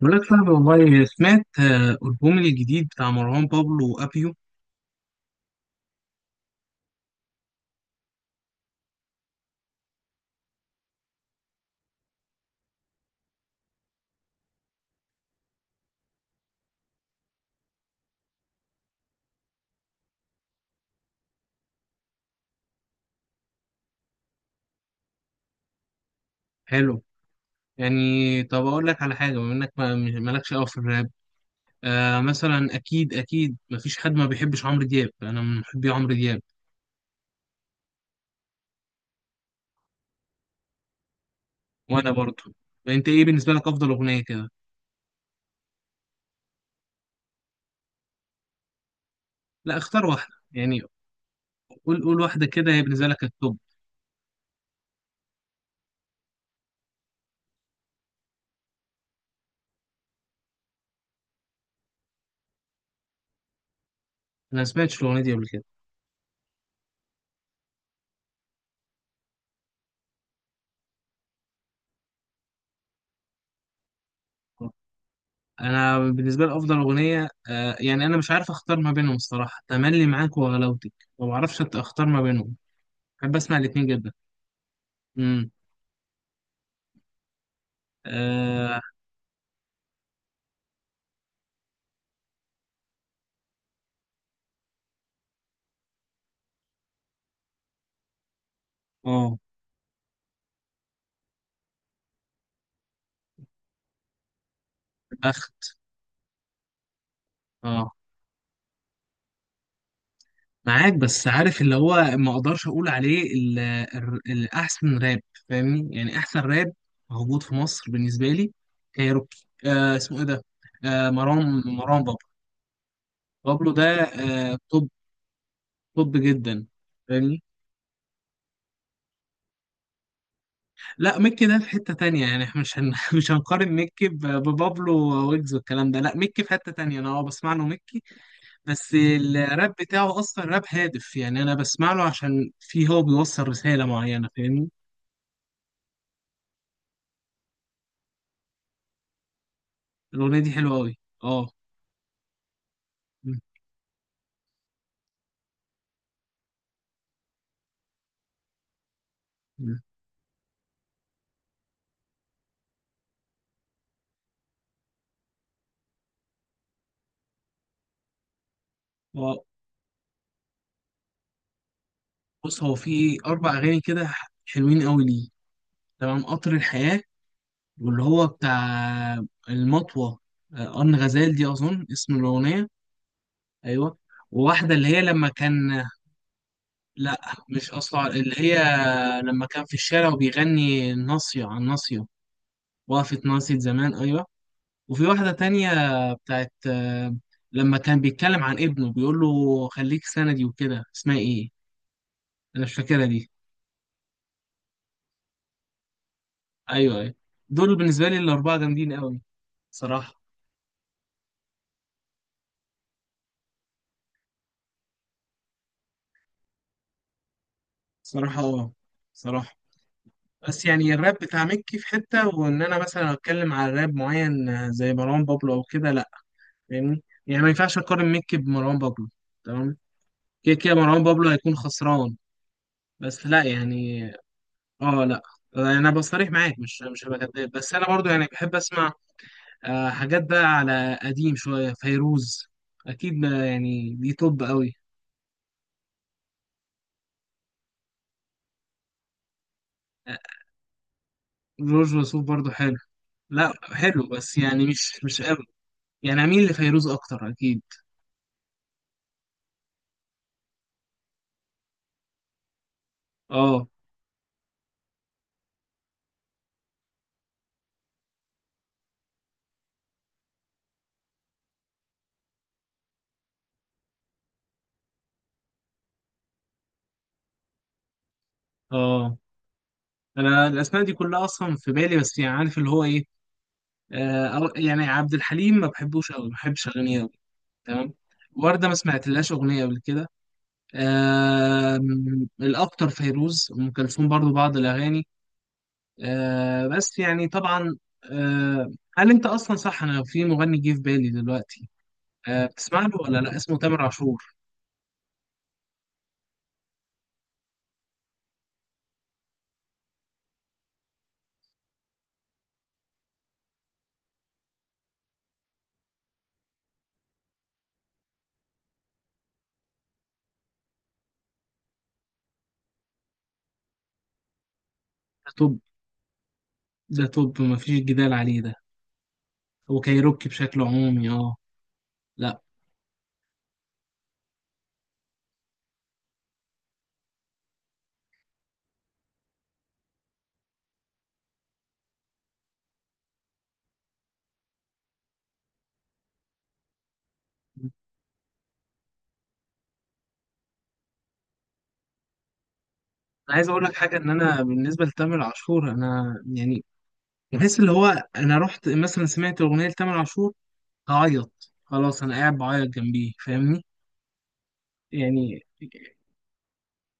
بقول لك صاحبي والله سمعت ألبوم الجديد بتاع مروان بابلو وأبيو. حلو. يعني طب أقول لك على حاجة بما إنك مالكش أوي في الراب. آه مثلا أكيد أكيد مفيش حد ما بيحبش عمرو دياب، أنا من محبي عمرو دياب. وأنا برضه. أنت إيه بالنسبة لك أفضل أغنية كده؟ لا اختار واحدة يعني. قول قول واحدة كده هي بالنسبة لك التوب. أنا ما سمعتش الأغنية دي قبل كده. أنا بالنسبة لي أفضل أغنية يعني أنا مش عارف أختار ما بينهم الصراحة، تملي معاك وغلاوتك. ما بعرفش أختار ما بينهم. بحب أسمع الاتنين جدا. امم اه. آه، اخت. اه معاك، بس عارف اللي هو ما اقدرش اقول عليه الاحسن راب. فاهمني، يعني احسن راب موجود في مصر بالنسبه لي. كايروكي، اسمه ايه ده؟ آه مروان بابلو. بابلو ده. آه توب. توب جدا. فاهمني. لا ميكي ده في حته تانية، يعني احنا مش هن... مش هنقارن ميكي ببابلو ويجز والكلام ده. لا ميكي في حته تانية، انا اه بسمع له ميكي. بس الراب بتاعه اصلا راب هادف، يعني انا بسمع له عشان فيه هو بيوصل رساله معينه. فاهمني. الاغنيه دي حلوه قوي. اه. م- م. هو- بص هو في اربع اغاني كده حلوين قوي ليه. تمام، قطر الحياه، واللي هو بتاع المطوه، ان غزال دي اظن اسم الاغنيه. ايوه. وواحده اللي هي لما كان، لا مش اصلا اللي هي لما كان في الشارع وبيغني ناصيه عن ناصيه. وقفت ناصيه زمان، ايوه. وفي واحدة تانية بتاعت لما كان بيتكلم عن ابنه بيقول له خليك سندي وكده، اسمها ايه؟ انا مش فاكرها دي. ايوه ايوه. دول بالنسبة لي الأربعة جامدين قوي. صراحة. صراحة اه. صراحة. بس يعني الراب بتاع مكي في حتة، وإن أنا مثلا أتكلم على راب معين زي مروان بابلو أو كده لأ. فاهمني، يعني ما ينفعش أقارن مكي بمروان بابلو. تمام. كده كده مروان بابلو هيكون خسران. بس لأ يعني. اه لأ. أنا بصريح معاك، مش هبقى كداب، بس أنا برضو يعني بحب أسمع حاجات بقى على قديم شوية، فيروز. أكيد ما يعني دي توب قوي. آه، جورج وسوف برضو حلو. لا حلو بس يعني مش قوي، يعني أميل لفيروز أكتر أكيد. اه. اه. أنا الأسماء دي كلها أصلا في بالي، بس يعني عارف اللي هو إيه. يعني عبد الحليم ما بحبوش قوي، ما بحبش أغانيه قوي. تمام. وردة ما سمعتلهاش أغنية قبل كده. آه. الأكتر فيروز، أم كلثوم برضو بعض الأغاني. آه بس يعني طبعا. آه. هل انت اصلا صح، انا في مغني جه في بالي دلوقتي بتسمع له ولا لا، اسمه تامر عاشور. ده توب. ده توب مفيش جدال عليه ده. وكايروكي بشكل عمومي اه. لا انا عايز اقول لك حاجه، ان انا بالنسبه لتامر عاشور انا يعني بحس اللي هو، انا رحت مثلا سمعت اغنيه لتامر عاشور هعيط، خلاص انا قاعد بعيط جنبيه. فاهمني يعني.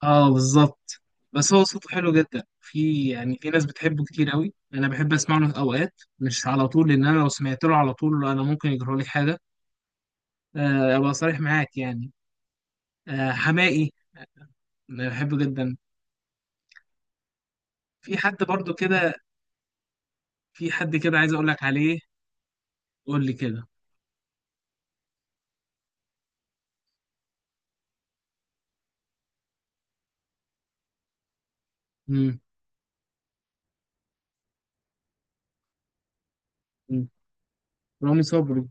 اه بالظبط. بس هو صوته حلو جدا، في يعني في ناس بتحبه كتير قوي، انا بحب اسمع له اوقات مش على طول، لان انا لو سمعت له على طول انا ممكن يجرى لي حاجه. ابقى صريح معاك يعني. حماقي، أنا بحبه جدا. في حد برضو كده. في حد كده عايز اقول لك عليه. قول لي كده. امم رامي صبري.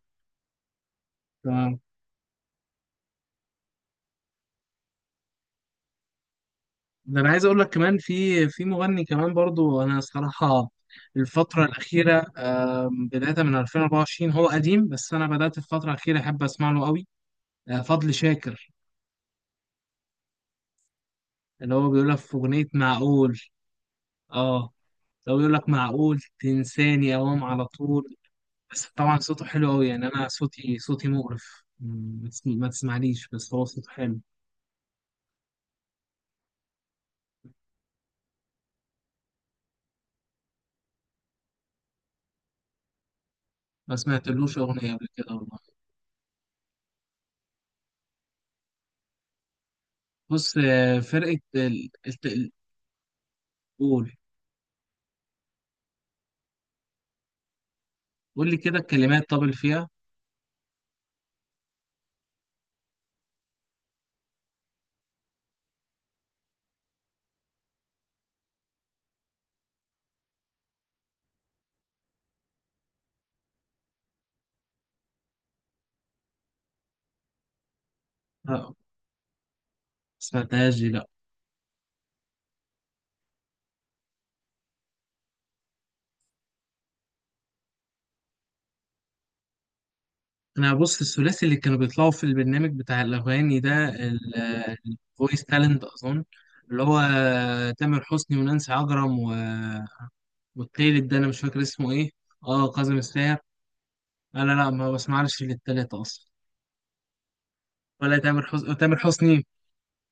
ده انا عايز اقول لك كمان، في مغني كمان برضو، انا الصراحه الفتره الاخيره بدايه من 2024 هو قديم بس انا بدات الفتره الاخيره احب اسمع له قوي. فضل شاكر، اللي هو بيقول لك في اغنيه معقول. اه. لو بيقول لك معقول تنساني اوام على طول. بس طبعا صوته حلو قوي يعني، انا صوتي مقرف، ما تسمعنيش، بس هو صوته حلو. ما سمعتلوش اغنيه قبل كده والله. بص فرقه قول قول لي كده الكلمات طب اللي فيها. لا ما سمعتهاش دي لا. انا بص الثلاثي اللي كانوا بيطلعوا في البرنامج بتاع الاغاني ده، الفويس تالنت اظن، اللي هو تامر حسني ونانسي عجرم و... والتالت ده انا مش فاكر اسمه ايه. اه كاظم الساهر. لا لا لا ما بسمعش للتلاتة اصلا. ولا تامر حسني. تامر حسني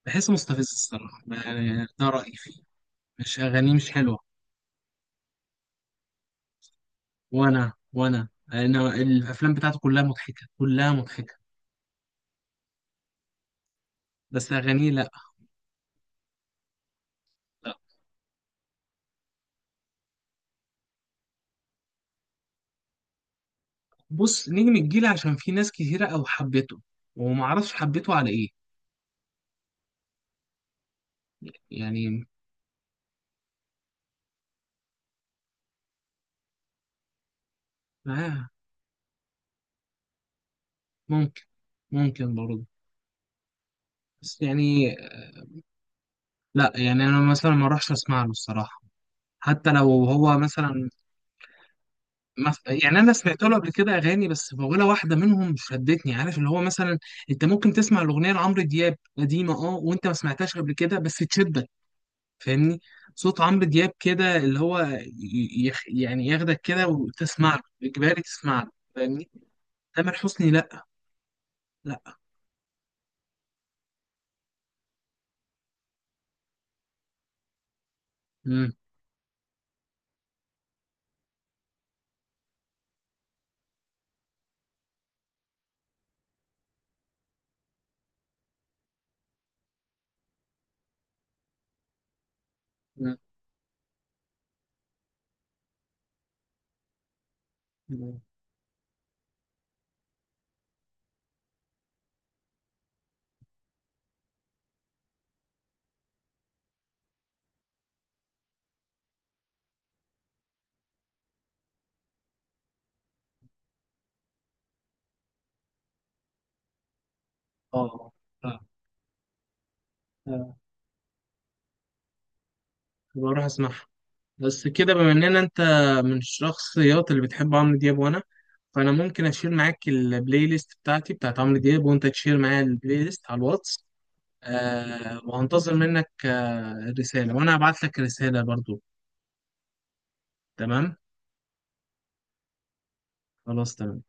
بحسه مستفز الصراحه، يعني ده رايي فيه، مش اغانيه مش حلوه. وانا انا الافلام بتاعته كلها مضحكه، كلها مضحكه. بس اغانيه لا. بص نجم الجيل عشان في ناس كتيرة أو حبته، ومعرفش حبته على إيه. يعني آه. ممكن. ممكن برضه. بس يعني لا، يعني أنا مثلا ما أروحش أسمع له الصراحة. حتى لو هو مثلا يعني أنا سمعت له قبل كده أغاني، بس ولا واحدة منهم شدتني. عارف اللي هو مثلا أنت ممكن تسمع الأغنية لعمرو دياب قديمة أه وأنت ما سمعتهاش قبل كده بس تشدك. فاهمني. صوت عمرو دياب كده اللي هو يعني ياخدك كده وتسمع له إجباري تسمع له. فاهمني. تامر حسني لا. لا. مم. مم. مم. اه اه. آه. بروح اسمعها. بس كده بما اننا انت من الشخصيات اللي بتحب عمرو دياب وانا، فانا ممكن اشير معاك البلاي ليست بتاعتي بتاعت عمرو دياب، وانت تشير معايا البلاي ليست على الواتس. آه وهنتظر منك آه رسالة، وانا هبعت لك رسالة برضو. تمام. خلاص تمام.